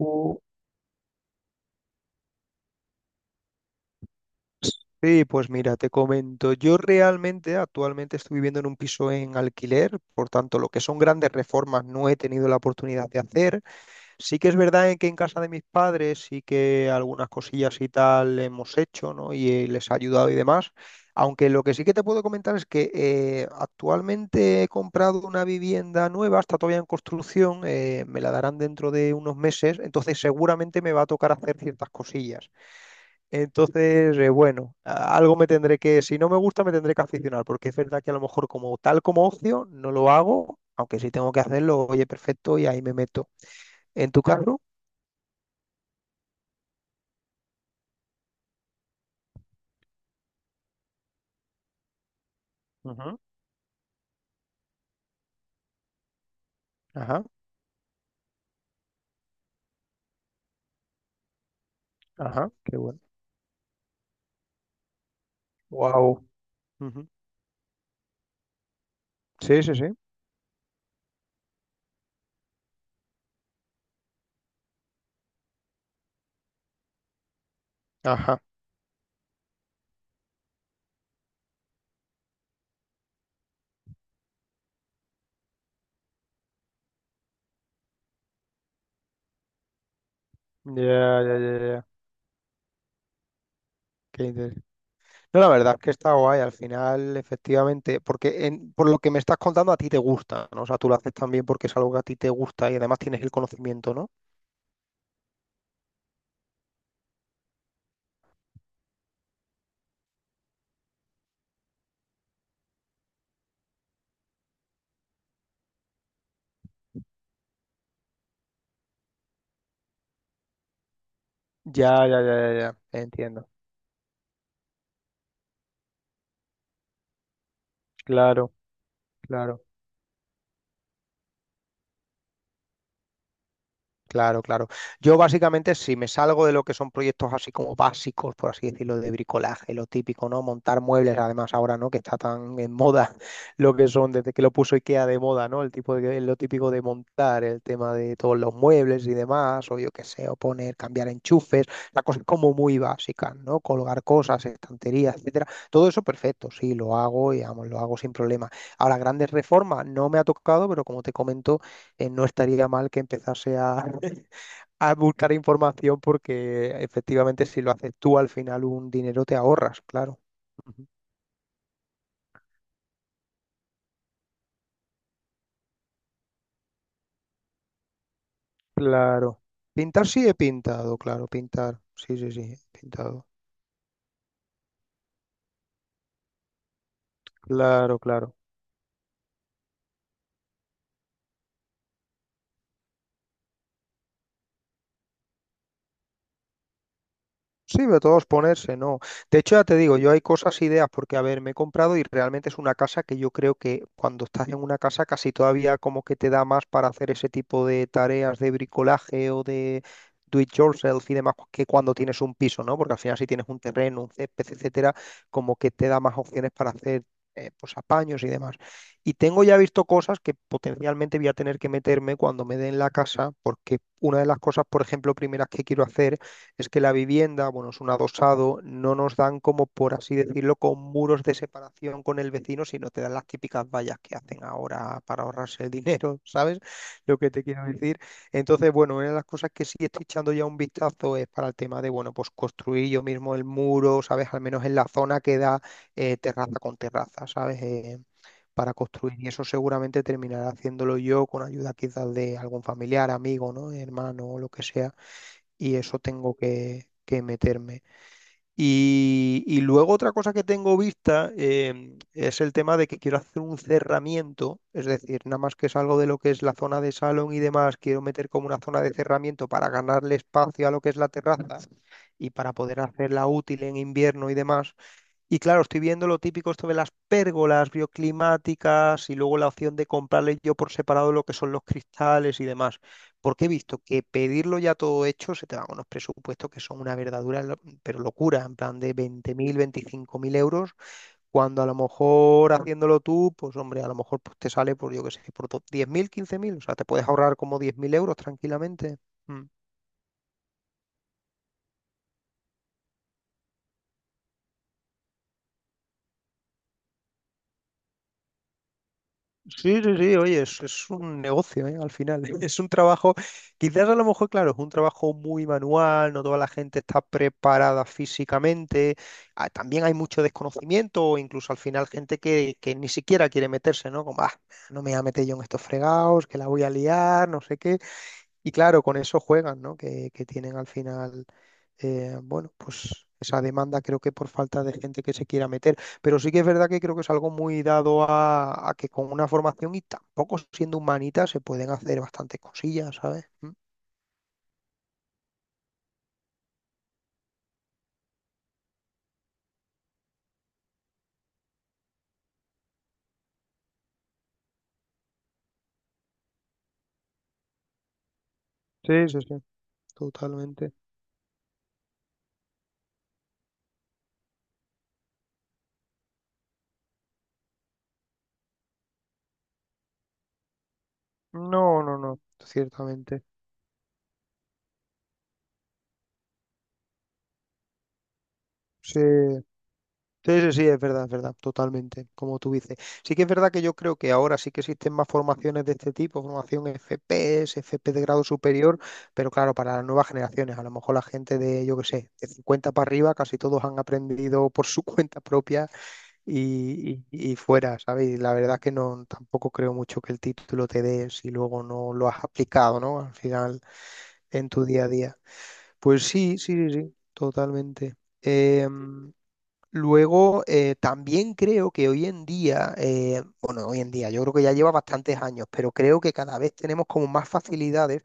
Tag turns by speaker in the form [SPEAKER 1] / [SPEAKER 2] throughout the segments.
[SPEAKER 1] Uh, Sí, pues mira, te comento, yo realmente actualmente estoy viviendo en un piso en alquiler, por tanto, lo que son grandes reformas no he tenido la oportunidad de hacer. Sí que es verdad en que en casa de mis padres sí que algunas cosillas y tal hemos hecho, ¿no? Y les ha ayudado y demás. Aunque lo que sí que te puedo comentar es que actualmente he comprado una vivienda nueva, está todavía en construcción, me la darán dentro de unos meses, entonces seguramente me va a tocar hacer ciertas cosillas. Entonces, bueno, algo me tendré que, si no me gusta, me tendré que aficionar, porque es verdad que a lo mejor como tal como ocio no lo hago, aunque si tengo que hacerlo, oye, perfecto, y ahí me meto. En tu caso... Ujú. Ajá, ajá, qué bueno. Wow. Sí, sí, sí. Ajá. Ya, ya, ya, ya. Qué interesante. No, la verdad es que está guay. Al final, efectivamente, porque por lo que me estás contando, a ti te gusta, ¿no? O sea, tú lo haces también porque es algo que a ti te gusta y además tienes el conocimiento, ¿no? Ya, ya, ya, ya, ya. Entiendo. Claro. Claro, claro, claro. Yo básicamente, si me salgo de lo que son proyectos así como básicos, por así decirlo, de bricolaje, lo típico, ¿no? Montar muebles, además ahora, ¿no? Que está tan en moda lo que son, desde que lo puso IKEA de moda, ¿no? El tipo de, lo típico de montar, el tema de todos los muebles y demás, o yo qué sé, o poner, cambiar enchufes, las cosas como muy básicas, ¿no? Colgar cosas, estanterías, etcétera. Todo eso perfecto, sí, lo hago y vamos, lo hago sin problema. Ahora, grandes reformas no me ha tocado, pero como te comento, no estaría mal que empezase a, a buscar información porque efectivamente si lo haces tú al final un dinero te ahorras, claro. Ujú. Claro. Pintar sí he pintado, claro, pintar. Sí, sí, sí, he pintado. Claro, claro. Sí, de todos ponerse, no. De hecho, ya te digo, yo hay cosas, ideas, porque a ver, me he comprado y realmente es una casa que yo creo que cuando estás en una casa casi todavía como que te da más para hacer ese tipo de tareas de bricolaje o de do it yourself y demás que cuando tienes un piso, ¿no? Porque al final si tienes un terreno, un césped, etcétera, como que te da más opciones para hacer pues apaños y demás. Y tengo ya visto cosas que potencialmente voy a tener que meterme cuando me den la casa, porque una de las cosas, por ejemplo, primeras que quiero hacer es que la vivienda, bueno, es un adosado, no nos dan como, por así decirlo, con muros de separación con el vecino, sino te dan las típicas vallas que hacen ahora para ahorrarse el dinero, ¿sabes? Lo que te quiero decir. Entonces, bueno, una de las cosas que sí estoy echando ya un vistazo es para el tema de, bueno, pues construir yo mismo el muro, ¿sabes? Al menos en la zona que da terraza con terraza, ¿sabes? Para construir. Y eso seguramente terminaré haciéndolo yo con ayuda quizás de algún familiar, amigo, ¿no? Hermano o lo que sea y eso tengo que meterme. Y luego otra cosa que tengo vista es el tema de que quiero hacer un cerramiento, es decir, nada más que salgo de lo que es la zona de salón y demás, quiero meter como una zona de cerramiento para ganarle espacio a lo que es la terraza y para poder hacerla útil en invierno y demás. Y claro, estoy viendo lo típico esto de las pérgolas bioclimáticas y luego la opción de comprarle yo por separado lo que son los cristales y demás. Porque he visto que pedirlo ya todo hecho se te van unos presupuestos que son una verdadera, pero locura, en plan de 20.000, mil euros, cuando a lo mejor haciéndolo tú, pues hombre, a lo mejor pues, te sale por, yo qué sé, por 10.000, 15.000. O sea, te puedes ahorrar como 10.000 euros tranquilamente. Mm. Sí, sí, sí, oye, es un negocio, ¿eh? Al final, es un trabajo, quizás a lo mejor, claro, es un trabajo muy manual, no toda la gente está preparada físicamente, ah, también hay mucho desconocimiento, o incluso al final gente que ni siquiera quiere meterse, ¿no? Como, ah, no me voy a meter yo en estos fregados, que la voy a liar, no sé qué. Y claro, con eso juegan, ¿no? Que tienen al final, bueno, pues esa demanda creo que por falta de gente que se quiera meter. Pero sí que es verdad que creo que es algo muy dado a que con una formación y tampoco siendo humanita se pueden hacer bastantes cosillas, ¿sabes? Mm. Sí, sí, sí, totalmente. No, no, no, ciertamente. Sí. Sí, sí, sí, es verdad, totalmente, como tú dices. Sí que es verdad que yo creo que ahora sí que existen más formaciones de este tipo, formación FPS, FP de grado superior, pero claro, para las nuevas generaciones, a lo mejor la gente de, yo qué sé, de 50 para arriba, casi todos han aprendido por su cuenta propia y fuera, ¿sabes? Y la verdad es que no, tampoco creo mucho que el título te dé si luego no lo has aplicado, ¿no? Al final, en tu día a día. Pues sí, sí, sí, sí, totalmente. Em, Luego, también creo que hoy en día, bueno, hoy en día, yo creo que ya lleva bastantes años, pero creo que cada vez tenemos como más facilidades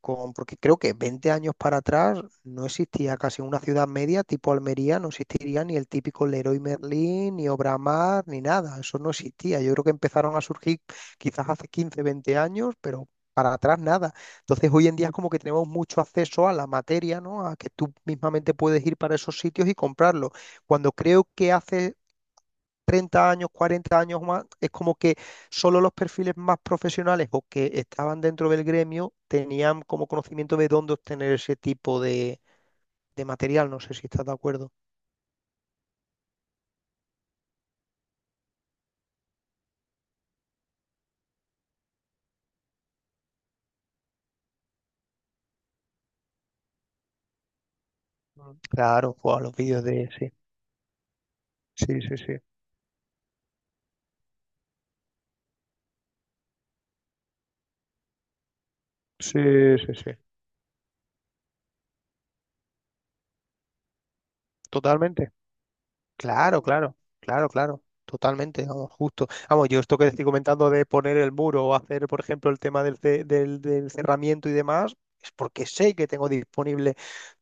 [SPEAKER 1] con, porque creo que 20 años para atrás no existía casi una ciudad media tipo Almería, no existiría ni el típico Leroy Merlin, ni Obramar, ni nada, eso no existía. Yo creo que empezaron a surgir quizás hace 15, 20 años, pero para atrás nada. Entonces hoy en día es como que tenemos mucho acceso a la materia, ¿no? A que tú mismamente puedes ir para esos sitios y comprarlo. Cuando creo que hace 30 años, 40 años más, es como que solo los perfiles más profesionales o que estaban dentro del gremio tenían como conocimiento de dónde obtener ese tipo de material. No sé si estás de acuerdo. Mm. Claro, o a los vídeos de... Sí, sí, sí, sí. Sí, sí, sí. Totalmente. Claro, claro, claro, claro. Totalmente, vamos, justo. Vamos, yo esto que te estoy comentando de poner el muro o hacer, por ejemplo, el tema del, del, del cerramiento y demás, es porque sé que tengo disponible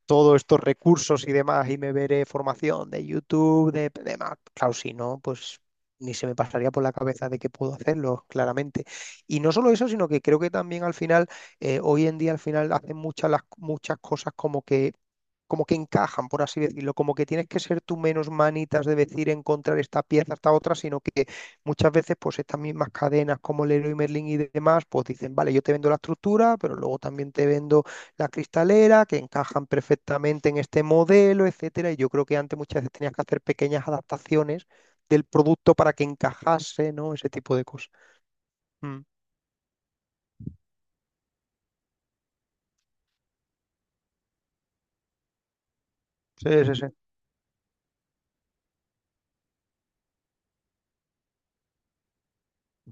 [SPEAKER 1] todos estos recursos y demás y me veré formación de YouTube, de demás. Claro, si no, pues ni se me pasaría por la cabeza de que puedo hacerlo, claramente. Y no solo eso, sino que creo que también al final, hoy en día al final hacen muchas, las, muchas cosas como que encajan, por así decirlo, como que tienes que ser tú menos manitas de decir encontrar esta pieza, esta otra, sino que muchas veces pues estas mismas cadenas como Leroy Merlin y demás, pues dicen, vale, yo te vendo la estructura, pero luego también te vendo la cristalera, que encajan perfectamente en este modelo, etcétera, y yo creo que antes muchas veces tenías que hacer pequeñas adaptaciones del producto para que encajase, ¿no? Ese tipo de cosas. Mm. Sí, sí, sí.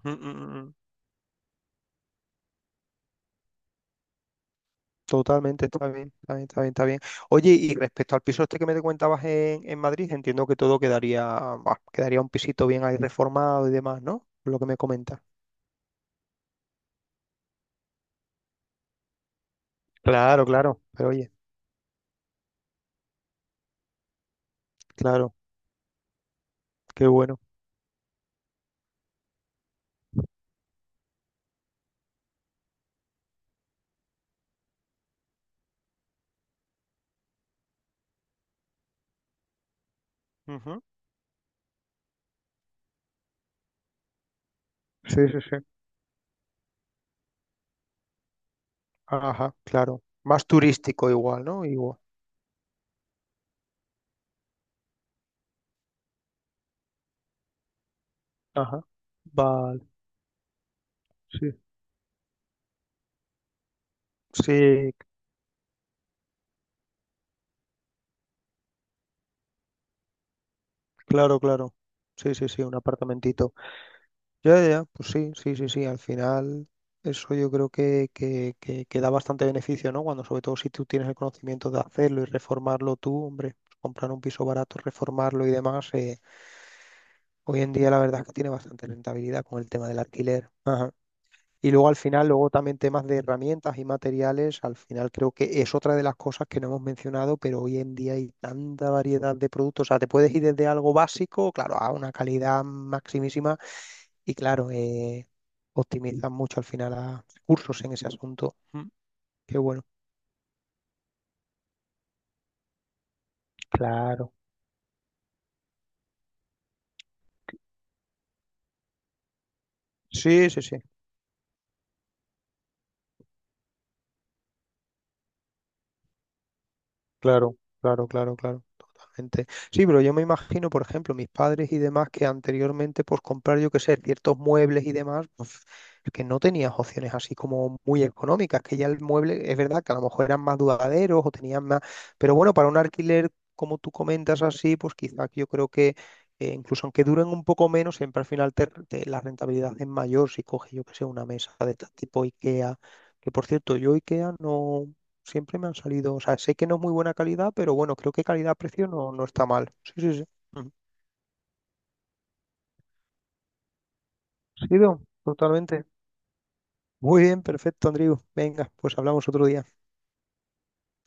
[SPEAKER 1] Mm, mm, mm. Totalmente, está bien, está bien, está bien, está bien. Oye, y respecto al piso este que me te comentabas en Madrid, entiendo que todo quedaría, bah, quedaría un pisito bien ahí reformado y demás, ¿no? Por lo que me comentas. Claro, claro, pero oye, claro, qué bueno. Ujú. Sí, sí, sí. Ajá, claro. Más turístico igual, ¿no? Igual. Ajá. Vale, sí. Sí, claro, claro. Sí, sí, sí, un apartamentito. Ya, ya, ya, pues sí, sí, sí, sí, al final eso yo creo que da bastante beneficio, ¿no? Cuando sobre todo si tú tienes el conocimiento de hacerlo y reformarlo tú, hombre, pues comprar un piso barato, reformarlo y demás, hoy en día la verdad es que tiene bastante rentabilidad con el tema del alquiler. Y luego al final, luego también temas de herramientas y materiales, al final creo que es otra de las cosas que no hemos mencionado, pero hoy en día hay tanta variedad de productos, o sea, te puedes ir desde algo básico, claro, a una calidad maximísima y claro, optimizan mucho al final a recursos en ese asunto. Mm. Qué bueno. Claro. Sí, sí, sí. Claro, claro, claro, claro, totalmente. Sí, pero yo me imagino, por ejemplo, mis padres y demás que anteriormente, pues comprar, yo qué sé, ciertos muebles y demás, pues que no tenías opciones así como muy económicas, que ya el mueble, es verdad que a lo mejor eran más duraderos o tenían más, pero bueno, para un alquiler, como tú comentas así, pues quizás yo creo que incluso aunque duren un poco menos, siempre al final la rentabilidad es mayor si coges, yo qué sé, una mesa de este tipo IKEA. Que por cierto, yo IKEA no. Siempre me han salido, o sea, sé que no es muy buena calidad, pero bueno, creo que calidad-precio no, no está mal. Sí, sí, sí. Ujú. Sido, totalmente. Muy bien, perfecto, Andriu. Venga, pues hablamos otro día.